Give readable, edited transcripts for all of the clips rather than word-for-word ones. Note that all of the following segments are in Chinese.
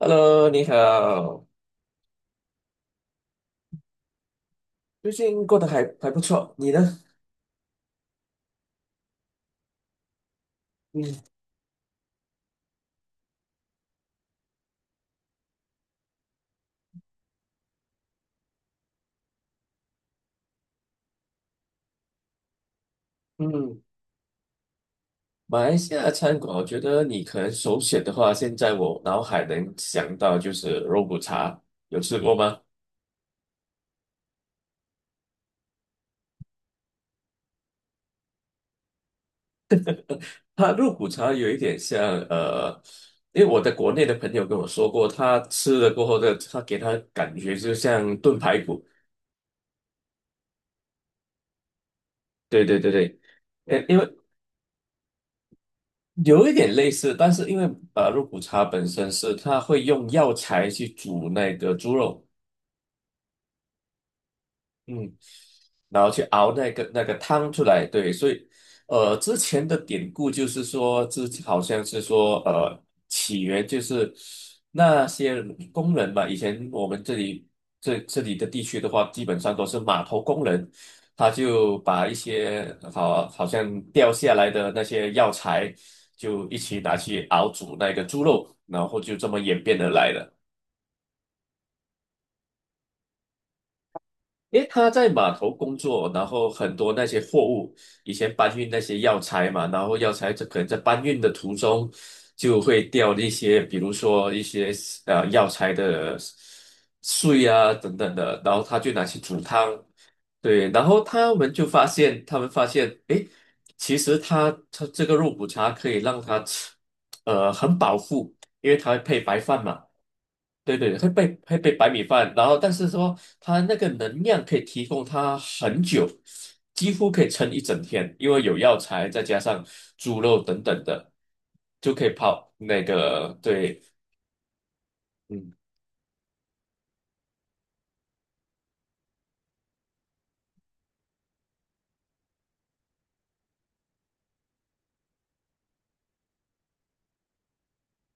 Hello，你好，最近过得还不错，你呢？嗯嗯，马来西亚的餐馆，我觉得你可能首选的话，现在我脑海能想到就是肉骨茶，有吃过吗？它肉骨茶有一点像，呃，因为我在国内的朋友跟我说过，他吃了过后的，他给他感觉就像炖排骨。对对对对，因为有一点类似，但是因为肉骨茶本身是它会用药材去煮那个猪肉。嗯。然后去熬那个汤出来。对，所以之前的典故就是说，好像是说起源就是那些工人嘛，以前我们这里，这里的地区的话，基本上都是码头工人。他就把一些好像掉下来的那些药材，就一起拿去熬煮那个猪肉，然后就这么演变而来的。因为他在码头工作，然后很多那些货物，以前搬运那些药材嘛，然后药材这可能在搬运的途中就会掉那些，比如说一些药材的碎啊等等的，然后他就拿去煮汤。对，然后他们就发现，他们发现，诶，其实他这个肉骨茶可以让他吃，很饱腹，因为它会配白饭嘛。对对，会被白米饭，然后但是说它那个能量可以提供它很久，几乎可以撑一整天，因为有药材再加上猪肉等等的，就可以泡那个。对，嗯，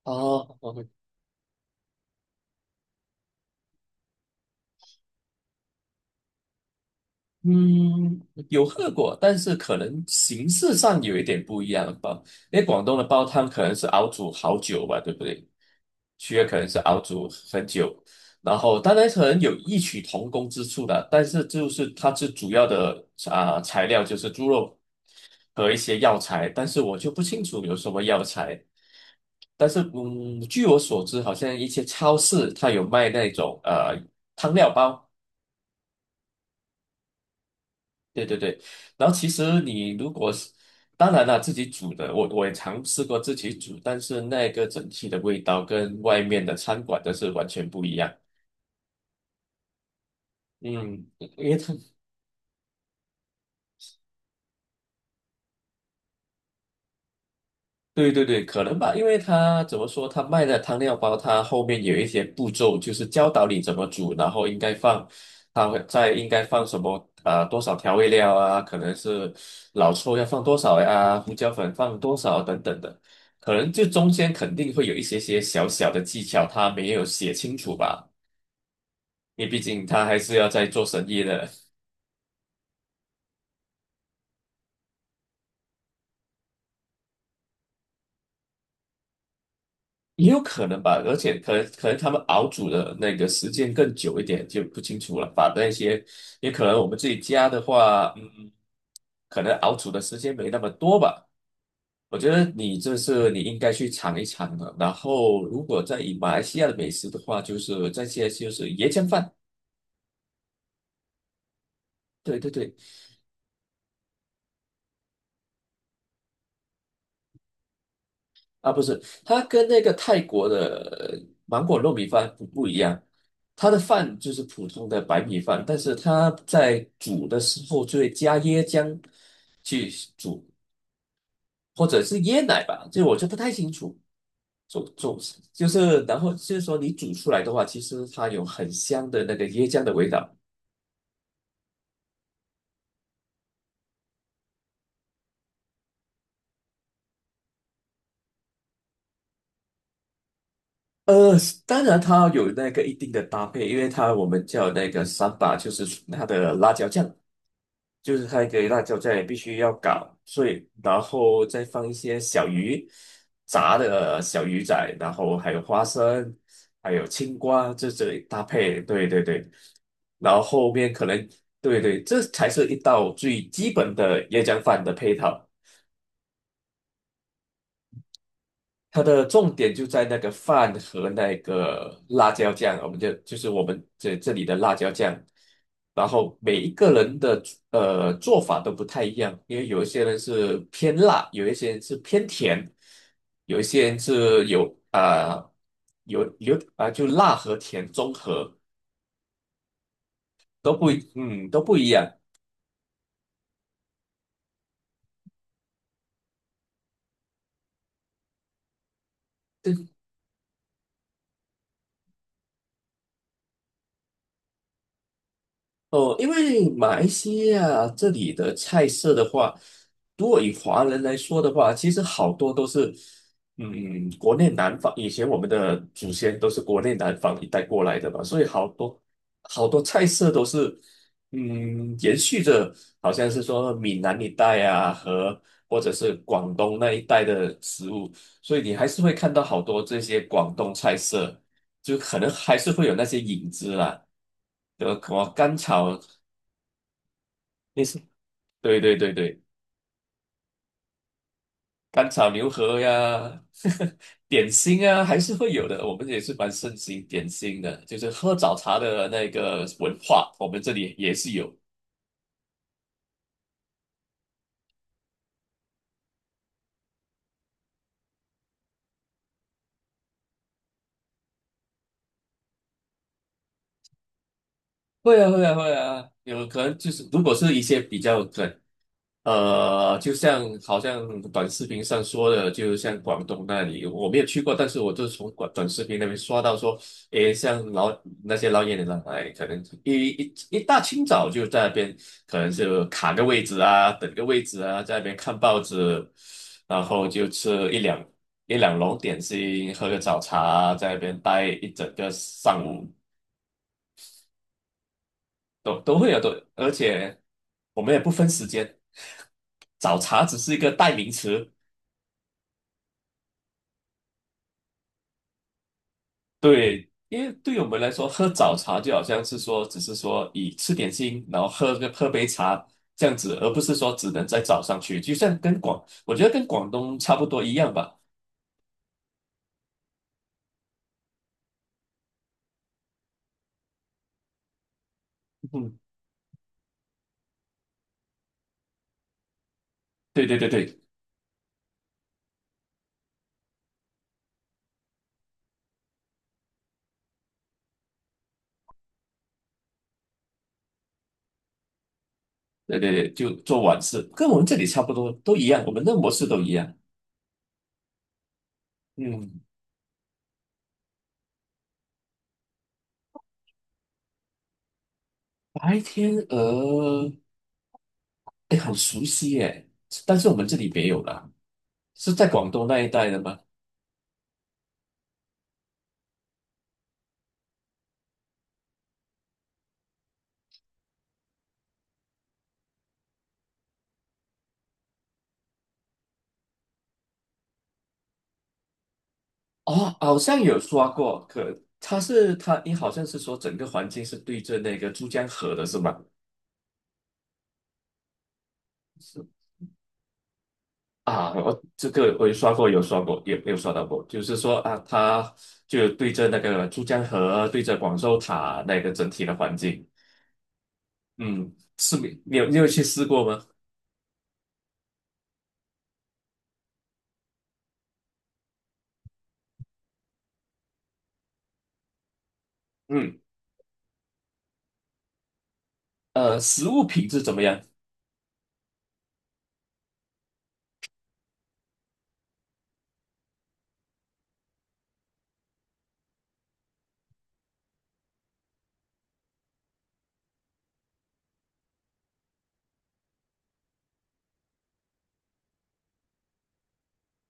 哦，嗯，有喝过，但是可能形式上有一点不一样吧。因为广东的煲汤可能是熬煮好久吧，对不对？区要可能是熬煮很久，然后当然可能有异曲同工之处的，但是就是它最主要的材料就是猪肉和一些药材，但是我就不清楚有什么药材。但是嗯，据我所知，好像一些超市它有卖那种汤料包。对对对，然后其实你如果是，当然了，自己煮的，我也尝试过自己煮，但是那个整体的味道跟外面的餐馆的是完全不一样。嗯，因为它对对对，可能吧，因为他怎么说，他卖的汤料包，他后面有一些步骤，就是教导你怎么煮，然后应该放，他会在应该放什么啊、多少调味料啊，可能是老抽要放多少呀、胡椒粉放多少等等的，可能就中间肯定会有一些些小小的技巧，他没有写清楚吧，因为毕竟他还是要在做生意的。也有可能吧，而且可能他们熬煮的那个时间更久一点，就不清楚了。把那些，也可能我们自己家的话，嗯，可能熬煮的时间没那么多吧。我觉得你这是你应该去尝一尝的。然后，如果在以马来西亚的美食的话，就是这些，就是椰浆饭。对对对，啊，不是，它跟那个泰国的呃芒果糯米饭不一样，它的饭就是普通的白米饭，但是它在煮的时候就会加椰浆去煮，或者是椰奶吧，这我就不太清楚。煮煮就是，然后就是说你煮出来的话，其实它有很香的那个椰浆的味道。呃，当然它有那个一定的搭配，因为它我们叫那个三把，就是它的辣椒酱。就是它给辣椒酱也必须要搞碎，然后再放一些小鱼，炸的小鱼仔，然后还有花生，还有青瓜，这这搭配，对对对，然后后面可能，对对，这才是一道最基本的椰浆饭的配套。它的重点就在那个饭和那个辣椒酱，我们就就是我们，这里的辣椒酱，然后每一个人的做法都不太一样，因为有一些人是偏辣，有一些人是偏甜，有一些人是有啊、呃有有啊、就辣和甜综合，都不一样。哦，因为马来西亚这里的菜色的话，如果以华人来说的话，其实好多都是，嗯，国内南方，以前我们的祖先都是国内南方一带过来的嘛，所以好多菜色都是，嗯，延续着好像是说闽南一带啊和或者是广东那一带的食物，所以你还是会看到好多这些广东菜色，就可能还是会有那些影子啦。德什么甘草，类是，对对对对，甘草牛河呀，点心啊，还是会有的。我们也是蛮盛行点心的，就是喝早茶的那个文化，我们这里也是有。会啊，会啊，会啊，有可能就是，如果是一些比较就像好像短视频上说的，就像广东那里，我没有去过，但是我就是从短视频那边刷到说，诶，像老那些老演员来，哎可能一大清早就在那边，可能就卡个位置啊，等个位置啊，在那边看报纸，然后就吃一两笼点心，喝个早茶啊，在那边待一整个上午。都会有而且我们也不分时间，早茶只是一个代名词。对，因为对我们来说，喝早茶就好像是说，只是说以吃点心，然后喝杯茶这样子，而不是说只能在早上去，就像跟广，我觉得跟广东差不多一样吧。嗯，对对对对对对对，就做晚市，跟我们这里差不多，都一样，我们的模式都一样。嗯，白天鹅，哎，很熟悉耶，但是我们这里没有啦。是在广东那一带的吗？哦，好像有刷过，可他是他，你好像是说整个环境是对着那个珠江河的是吗？是啊，我这个我有刷过，有刷过，也没有刷到过，就是说啊，他就对着那个珠江河，对着广州塔那个整体的环境，嗯，是没，你有去试过吗？嗯，食物品质怎么样？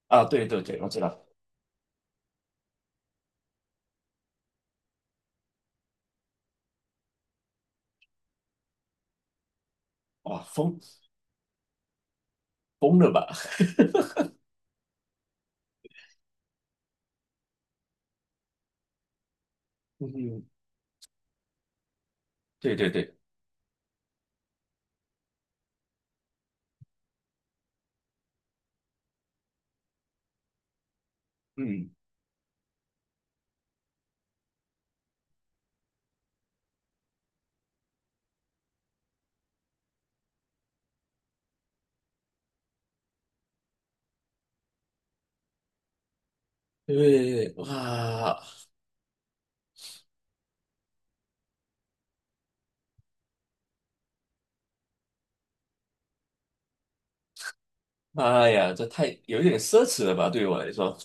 啊，对对对，我知道，哇，疯了吧？嗯，对对对，嗯。对，哇，妈呀，这太有一点奢侈了吧，对于我来说。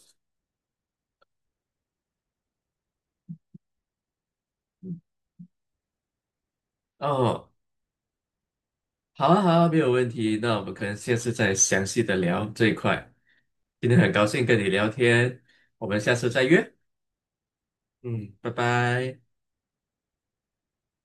哦，好啊，好啊，没有问题。那我们可能下次再详细的聊这一块。今天很高兴跟你聊天，我们下次再约。嗯，拜拜。